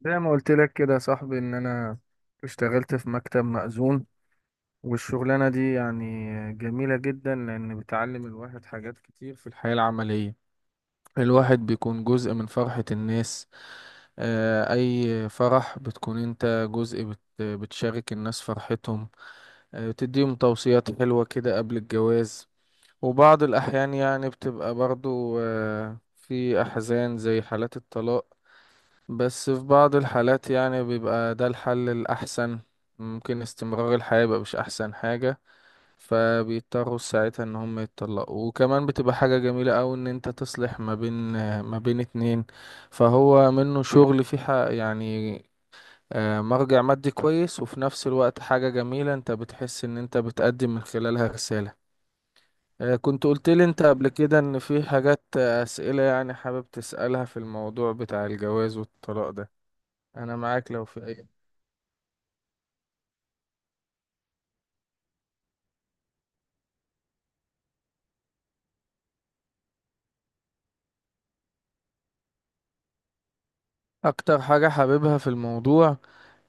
زي ما قلت لك كده يا صاحبي ان انا اشتغلت في مكتب مأذون، والشغلانة دي يعني جميلة جدا لان بتعلم الواحد حاجات كتير في الحياة العملية. الواحد بيكون جزء من فرحة الناس. اي فرح بتكون انت جزء، بتشارك الناس فرحتهم. بتديهم توصيات حلوة كده قبل الجواز، وبعض الأحيان يعني بتبقى برضو في أحزان زي حالات الطلاق. بس في بعض الحالات يعني بيبقى ده الحل الأحسن، ممكن استمرار الحياة يبقى مش أحسن حاجة، فبيضطروا ساعتها إن هم يتطلقوا. وكمان بتبقى حاجة جميلة أوي إن أنت تصلح ما بين اتنين. فهو منه شغل في حق يعني، مرجع مادي كويس، وفي نفس الوقت حاجة جميلة أنت بتحس إن أنت بتقدم من خلالها رسالة. كنت قلت لي أنت قبل كده إن في حاجات، أسئلة يعني حابب تسألها في الموضوع بتاع الجواز والطلاق ده. انا معاك لو في اي. اكتر حاجة حاببها في الموضوع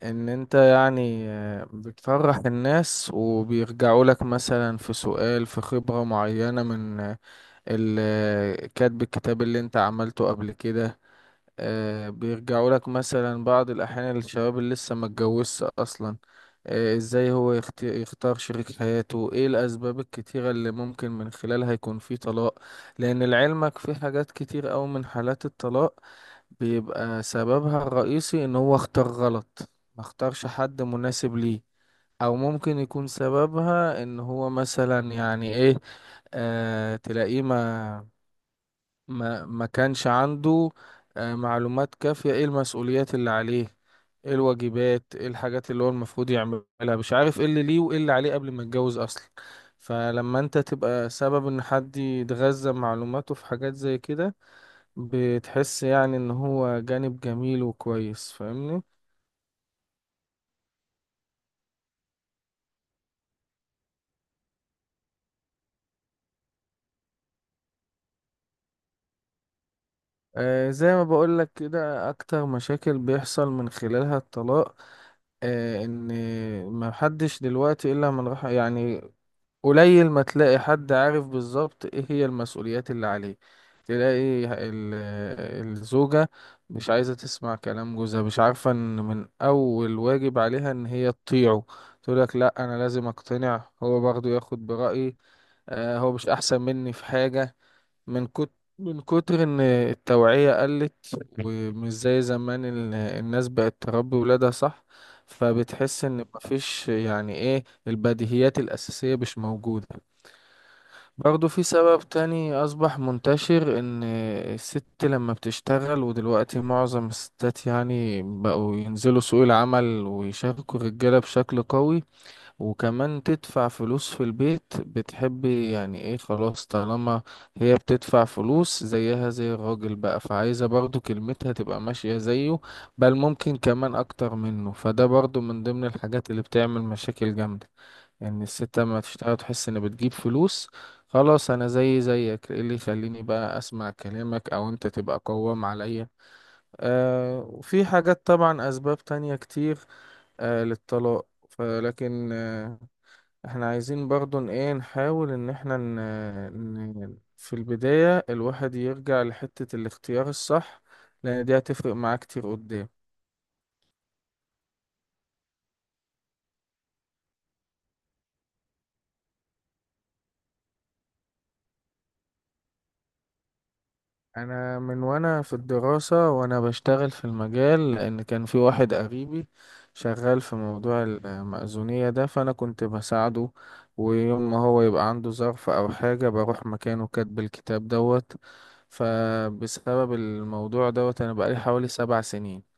ان انت يعني بتفرح الناس، وبيرجعوا لك مثلا في سؤال في خبرة معينة من كاتب الكتاب اللي انت عملته قبل كده. بيرجعوا لك مثلا بعض الاحيان الشباب اللي لسه ما اتجوزش اصلا، ازاي هو يختار شريك حياته، ايه الاسباب الكتيرة اللي ممكن من خلالها يكون في طلاق. لان لعلمك في حاجات كتير اوي من حالات الطلاق بيبقى سببها الرئيسي ان هو اختار غلط، ما اختارش حد مناسب ليه. او ممكن يكون سببها ان هو مثلا يعني ايه، تلاقيه ما كانش عنده معلومات كافية ايه المسؤوليات اللي عليه، ايه الواجبات، ايه الحاجات اللي هو المفروض يعملها، مش عارف ايه اللي ليه وايه اللي عليه قبل ما يتجوز اصلا. فلما انت تبقى سبب ان حد يتغذى معلوماته في حاجات زي كده، بتحس يعني ان هو جانب جميل وكويس، فاهمني؟ زي ما بقولك كده اكتر مشاكل بيحصل من خلالها الطلاق، ان ما حدش دلوقتي الا من رحم، يعني قليل ما تلاقي حد عارف بالظبط ايه هي المسؤوليات اللي عليه. تلاقي ال- الزوجة مش عايزة تسمع كلام جوزها، مش عارفة ان من اول واجب عليها ان هي تطيعه. تقولك لا، انا لازم اقتنع، هو برضه ياخد برأيي، هو مش احسن مني في حاجة. من كت... من كتر ان التوعية قلت ومش زي زمان، الناس بقت تربي ولادها صح. فبتحس ان مفيش يعني ايه، البديهيات الاساسية مش موجودة. برضو في سبب تاني اصبح منتشر، ان الست لما بتشتغل، ودلوقتي معظم الستات يعني بقوا ينزلوا سوق العمل ويشاركوا الرجالة بشكل قوي، وكمان تدفع فلوس في البيت، بتحبي يعني ايه خلاص، طالما هي بتدفع فلوس زيها زي الراجل بقى، فعايزة برضو كلمتها تبقى ماشية زيه، بل ممكن كمان اكتر منه. فده برضو من ضمن الحاجات اللي بتعمل مشاكل جامدة، ان يعني الست لما تشتغل تحس ان بتجيب فلوس، خلاص انا زي زيك، ايه اللي يخليني بقى اسمع كلامك او انت تبقى قوام عليا. وفي حاجات طبعا، اسباب تانية كتير للطلاق، فلكن احنا عايزين برضو ايه نحاول ان احنا في البداية الواحد يرجع لحتة الاختيار الصح، لان دي هتفرق معاه كتير قدام. انا من وانا في الدراسة وانا بشتغل في المجال، لان كان في واحد قريبي شغال في موضوع المأذونية ده، فانا كنت بساعده، ويوم ما هو يبقى عنده ظرف او حاجة بروح مكانه كاتب الكتاب دوت. فبسبب الموضوع دوت انا بقالي حوالي 7 سنين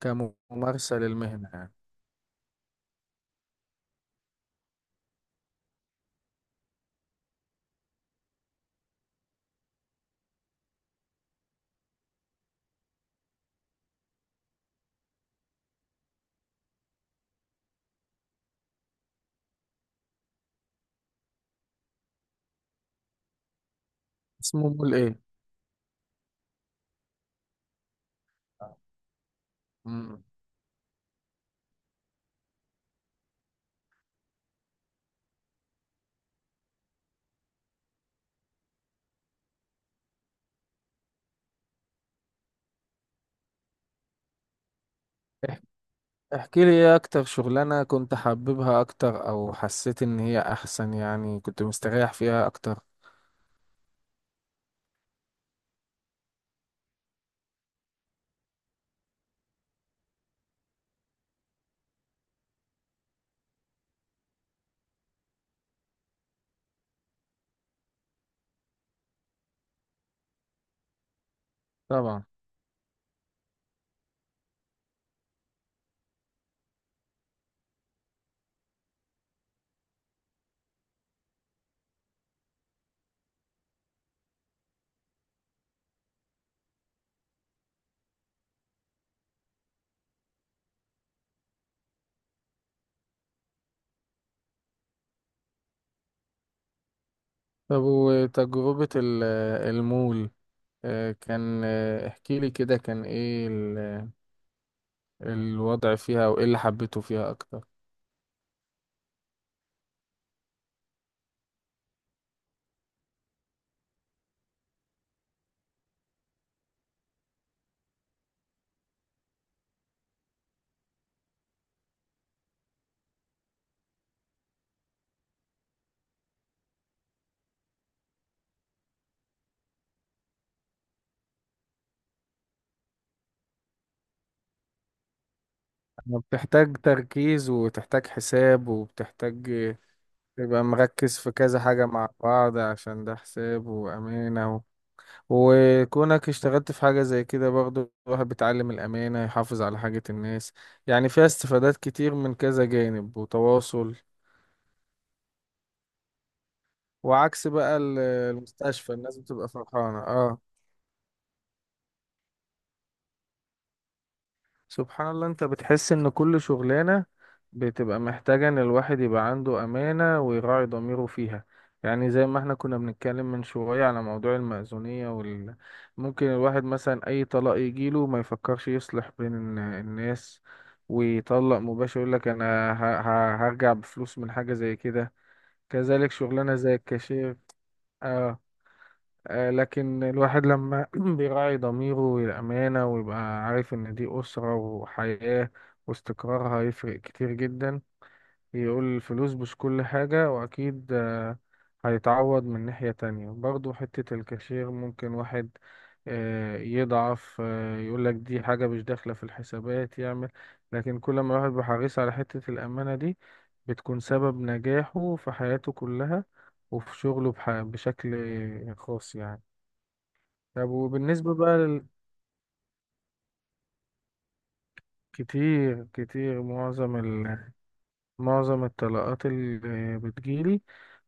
كممارسة للمهنة يعني. اسمه مول ايه؟ مم. إح- احكي لي ايه اكتر شغلانة كنت حاببها اكتر، او حسيت ان هي احسن يعني كنت مستريح فيها اكتر. طبعا. طب وتجربة المول، كان احكي لي كده كان ايه الوضع فيها وايه اللي حبيته فيها اكتر. أنا بتحتاج تركيز، وتحتاج حساب، وبتحتاج تبقى مركز في كذا حاجة مع بعض، عشان ده حساب وأمانة. وكونك اشتغلت في حاجة زي كده برضه الواحد بيتعلم الأمانة، يحافظ على حاجة الناس، يعني فيها استفادات كتير من كذا جانب وتواصل. وعكس بقى المستشفى الناس بتبقى فرحانة سبحان الله، انت بتحس ان كل شغلانة بتبقى محتاجة ان الواحد يبقى عنده امانة ويراعي ضميره فيها. يعني زي ما احنا كنا بنتكلم من شوية على موضوع المأذونية ممكن الواحد مثلا اي طلاق يجيله ما يفكرش يصلح بين الناس، ويطلق مباشر، يقول لك انا هرجع بفلوس من حاجة زي كده. كذلك شغلانة زي الكاشير. آه. لكن الواحد لما بيراعي ضميره والأمانة، ويبقى عارف إن دي أسرة وحياة واستقرارها هيفرق كتير جدا، يقول الفلوس مش كل حاجة، وأكيد هيتعوض من ناحية تانية. برضو حتة الكاشير ممكن واحد يضعف، يقولك دي حاجة مش داخلة في الحسابات، يعمل. لكن كل ما الواحد بيحرص على حتة الأمانة دي، بتكون سبب نجاحه في حياته كلها وفي شغله بشكل خاص يعني. طب وبالنسبة بقى كتير كتير، معظم معظم الطلاقات اللي بتجيلي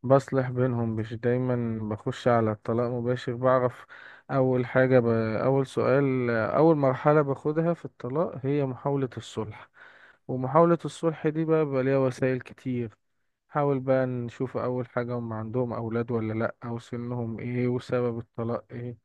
بصلح بينهم، مش دايما بخش على الطلاق مباشر، بعرف أول حاجة أول سؤال، أول مرحلة باخدها في الطلاق هي محاولة الصلح. ومحاولة الصلح دي بقى ليها وسائل كتير. حاول بقى نشوف أول حاجة، هم عندهم أولاد ولا لأ، أو سنهم إيه، وسبب الطلاق إيه.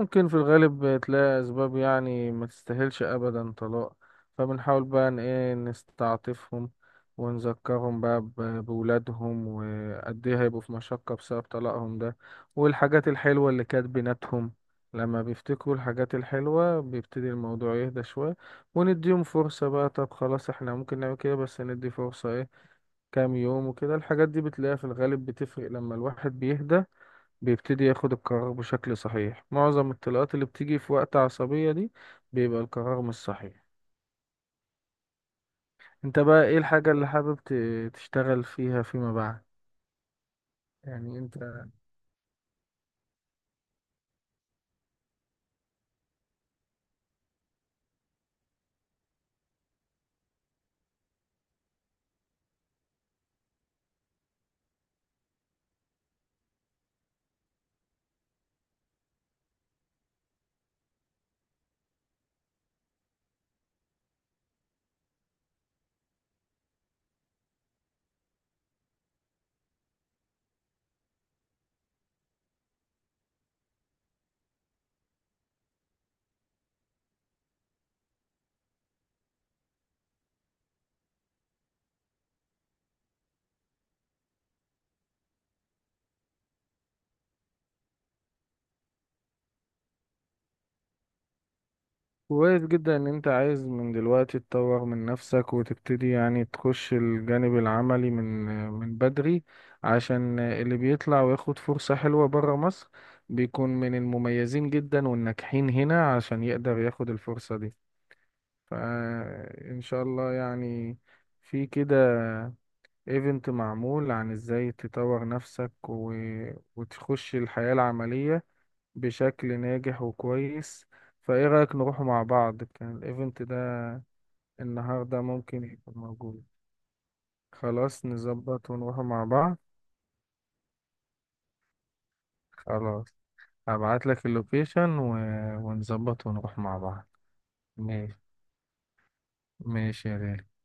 ممكن في الغالب تلاقي أسباب يعني ما تستاهلش أبدا طلاق. فبنحاول بقى إن إيه نستعطفهم، ونذكرهم بقى بولادهم، وقد إيه هيبقوا في مشقة بسبب طلاقهم ده، والحاجات الحلوة اللي كانت بيناتهم. لما بيفتكروا الحاجات الحلوة بيبتدي الموضوع يهدى شوية، ونديهم فرصة. بقى طب خلاص إحنا ممكن نعمل كده، بس ندي فرصة إيه، كام يوم وكده. الحاجات دي بتلاقيها في الغالب بتفرق، لما الواحد بيهدى بيبتدي ياخد القرار بشكل صحيح. معظم الطلقات اللي بتيجي في وقت عصبية دي بيبقى القرار مش صحيح. انت بقى ايه الحاجة اللي حابب تشتغل فيها فيما بعد؟ يعني انت، كويس جدا ان انت عايز من دلوقتي تطور من نفسك وتبتدي يعني تخش الجانب العملي من من بدري، عشان اللي بيطلع وياخد فرصة حلوة برا مصر بيكون من المميزين جدا والناجحين هنا عشان يقدر ياخد الفرصة دي. فإن شاء الله يعني، في كده ايفنت معمول عن ازاي تطور نفسك وتخش الحياة العملية بشكل ناجح وكويس. فايه رأيك نروح مع بعض، كان الايفنت ده النهاردة ممكن يكون موجود؟ خلاص نظبط ونروح مع بعض. خلاص هبعت لك اللوكيشن ونظبط ونروح مع بعض. ماشي. ماشي يا غالي.